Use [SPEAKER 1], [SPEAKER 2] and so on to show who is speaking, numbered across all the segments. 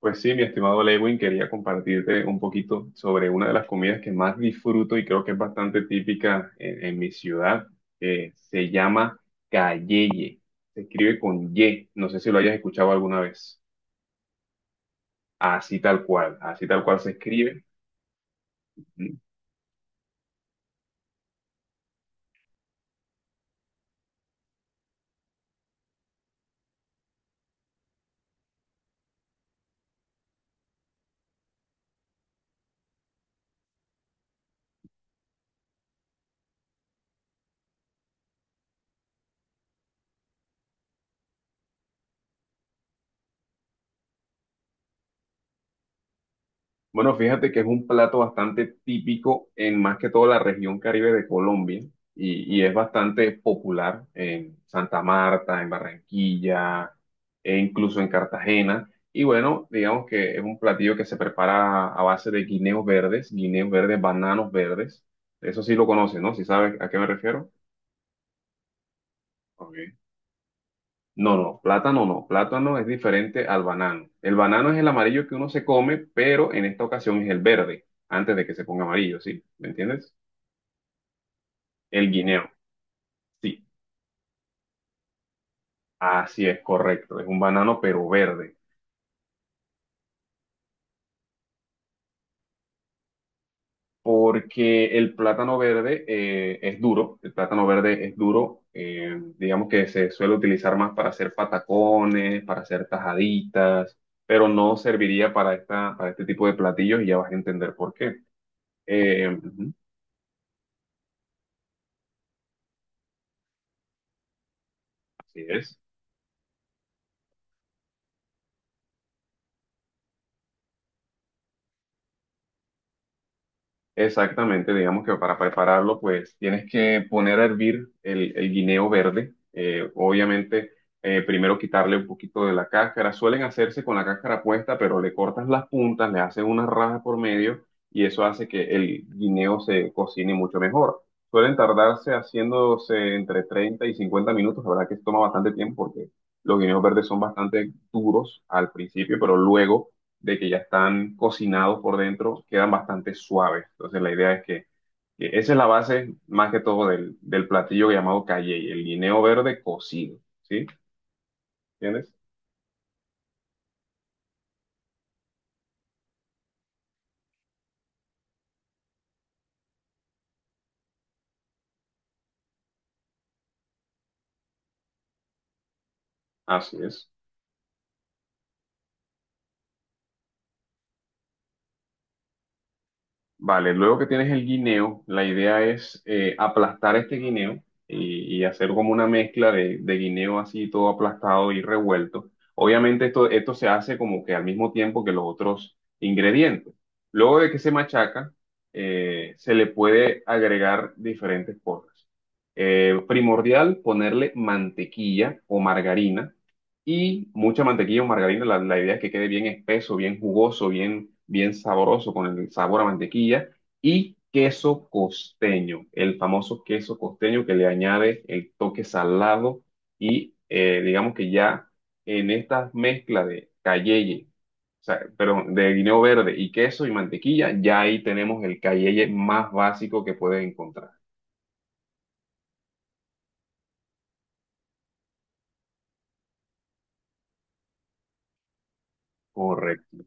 [SPEAKER 1] Pues sí, mi estimado Lewin, quería compartirte un poquito sobre una de las comidas que más disfruto y creo que es bastante típica en mi ciudad, que se llama calleye. Se escribe con Y, no sé si lo hayas escuchado alguna vez. Así tal cual se escribe. Bueno, fíjate que es un plato bastante típico en más que todo la región Caribe de Colombia y es bastante popular en Santa Marta, en Barranquilla e incluso en Cartagena. Y bueno, digamos que es un platillo que se prepara a base de guineos verdes, bananos verdes. Eso sí lo conoces, ¿no? Si sabes a qué me refiero. Ok. No, no, plátano no. Plátano es diferente al banano. El banano es el amarillo que uno se come, pero en esta ocasión es el verde, antes de que se ponga amarillo, ¿sí? ¿Me entiendes? El guineo, sí. Así es, correcto. Es un banano, pero verde. Porque el plátano verde es duro. El plátano verde es duro. Digamos que se suele utilizar más para hacer patacones, para hacer tajaditas, pero no serviría para esta, para este tipo de platillos y ya vas a entender por qué. Ujú, así es. Exactamente, digamos que para prepararlo, pues tienes que poner a hervir el guineo verde. Obviamente, primero quitarle un poquito de la cáscara. Suelen hacerse con la cáscara puesta, pero le cortas las puntas, le haces unas rajas por medio y eso hace que el guineo se cocine mucho mejor. Suelen tardarse haciéndose entre 30 y 50 minutos. La verdad que toma bastante tiempo porque los guineos verdes son bastante duros al principio, pero luego de que ya están cocinados por dentro, quedan bastante suaves. Entonces la idea es que esa es la base más que todo del platillo llamado calle, el guineo verde cocido, ¿sí? ¿Entiendes? Así es. Vale, luego que tienes el guineo, la idea es aplastar este guineo y hacer como una mezcla de guineo así todo aplastado y revuelto. Obviamente esto se hace como que al mismo tiempo que los otros ingredientes. Luego de que se machaca, se le puede agregar diferentes cosas. Primordial, ponerle mantequilla o margarina y mucha mantequilla o margarina. La idea es que quede bien espeso, bien jugoso, bien, bien sabroso con el sabor a mantequilla. Y queso costeño, el famoso queso costeño que le añade el toque salado y digamos que ya en esta mezcla de cayeye, o sea, perdón, de guineo verde y queso y mantequilla, ya ahí tenemos el cayeye más básico que puedes encontrar. Correcto.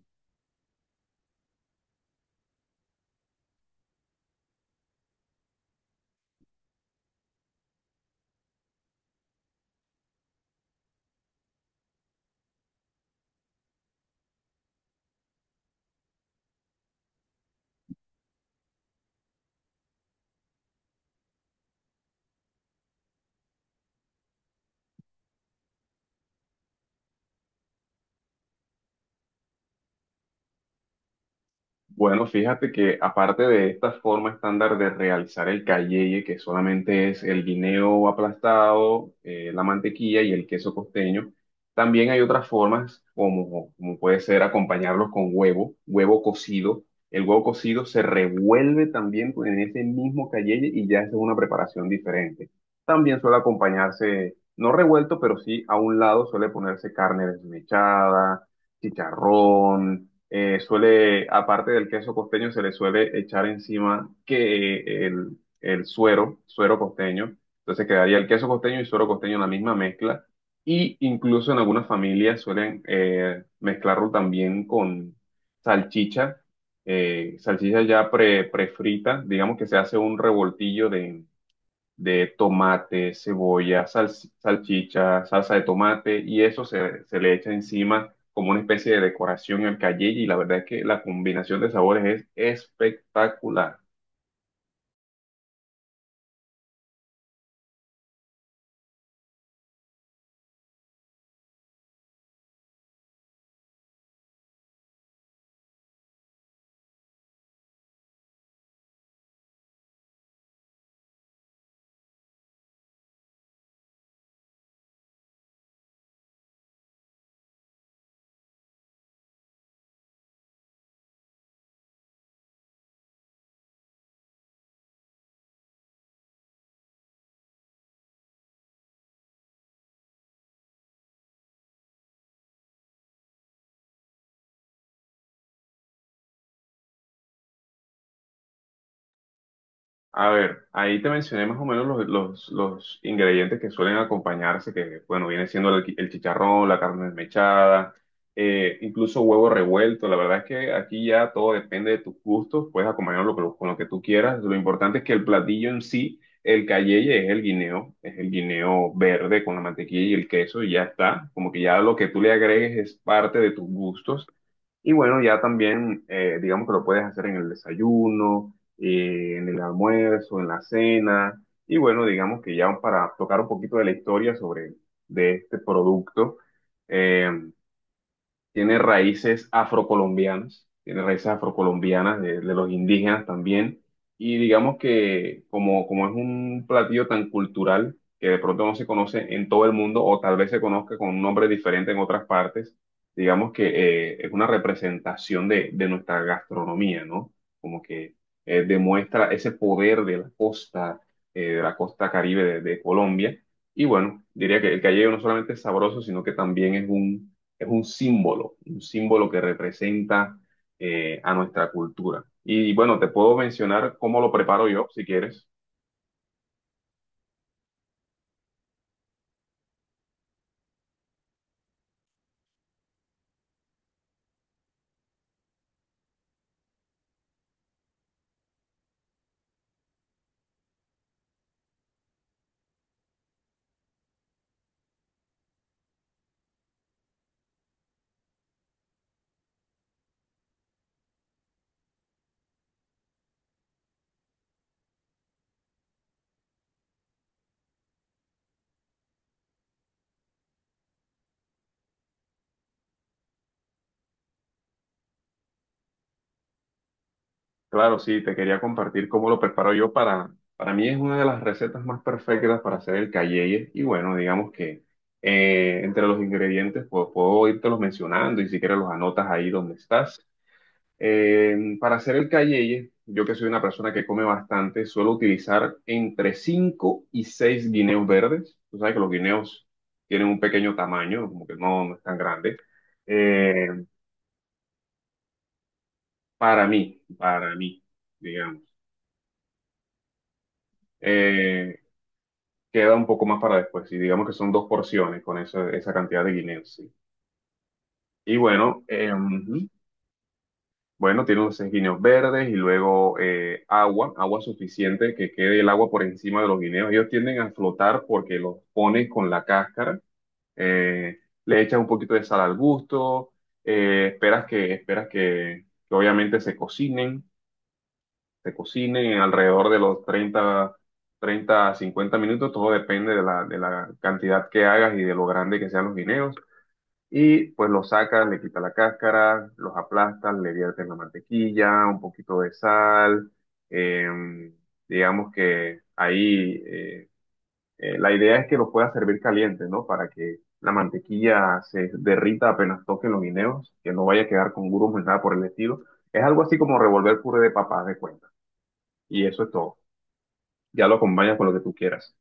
[SPEAKER 1] Bueno, fíjate que aparte de esta forma estándar de realizar el calleye, que solamente es el guineo aplastado, la mantequilla y el queso costeño, también hay otras formas como, como puede ser acompañarlos con huevo, huevo cocido. El huevo cocido se revuelve también con- en ese mismo calleye y ya es una preparación diferente. También suele acompañarse, no revuelto, pero sí a un lado suele ponerse carne desmechada, chicharrón suele, aparte del queso costeño, se le suele echar encima que el suero costeño. Entonces quedaría el queso costeño y suero costeño en la misma mezcla. Y incluso en algunas familias suelen mezclarlo también con salchicha, salchicha ya prefrita, digamos que se hace un revoltillo de tomate, cebolla, salchicha, salsa de tomate y eso se le echa encima como una especie de decoración al cayeye y la verdad es que la combinación de sabores es espectacular. A ver, ahí te mencioné más o menos los ingredientes que suelen acompañarse, que bueno, viene siendo el chicharrón, la carne desmechada, incluso huevo revuelto. La verdad es que aquí ya todo depende de tus gustos, puedes acompañarlo con lo que tú quieras. Lo importante es que el platillo en sí, el cayeye es el guineo verde con la mantequilla y el queso y ya está. Como que ya lo que tú le agregues es parte de tus gustos. Y bueno, ya también, digamos que lo puedes hacer en el desayuno, en el almuerzo, en la cena. Y bueno, digamos que ya para tocar un poquito de la historia sobre de este producto, eh, tiene raíces afrocolombianas de los indígenas también, y digamos que como, como es un platillo tan cultural que de pronto no se conoce en todo el mundo o tal vez se conozca con un nombre diferente en otras partes, digamos que es una representación de nuestra gastronomía, ¿no? Como que demuestra ese poder de la costa Caribe de Colombia. Y bueno, diría que el callejón no solamente es sabroso, sino que también es un símbolo que representa a nuestra cultura. Y bueno, te puedo mencionar cómo lo preparo yo, si quieres. Claro, sí, te quería compartir cómo lo preparo yo para mí es una de las recetas más perfectas para hacer el calleye. Y bueno, digamos que entre los ingredientes pues, puedo irte los mencionando y si quieres los anotas ahí donde estás. Para hacer el cayeye, yo que soy una persona que come bastante, suelo utilizar entre 5 y 6 guineos verdes. Tú sabes que los guineos tienen un pequeño tamaño, como que no, no es tan grande. Eh, para mí, para mí, digamos. Eh, Queda un poco más para después, y digamos que son dos porciones con esa, esa cantidad de guineos, sí. Y bueno, bueno, tiene los 6 guineos verdes y luego agua, agua suficiente que quede el agua por encima de los guineos. Ellos tienden a flotar porque los pones con la cáscara. eh, Le echas un poquito de sal al gusto, esperas que obviamente se cocinen alrededor de los treinta a 50 minutos. Todo depende de la cantidad que hagas y de lo grande que sean los guineos. Y pues los sacas, le quitas la cáscara, los aplastas, le viertes la mantequilla, un poquito de sal. em, digamos que ahí la idea es que los puedas servir caliente, ¿no? Para que la mantequilla se derrita apenas toquen los guineos, que no vaya a quedar con grumos ni nada por el estilo. Es algo así como revolver puré de papas de cuenta. Y eso es todo. Ya lo acompañas con lo que tú quieras.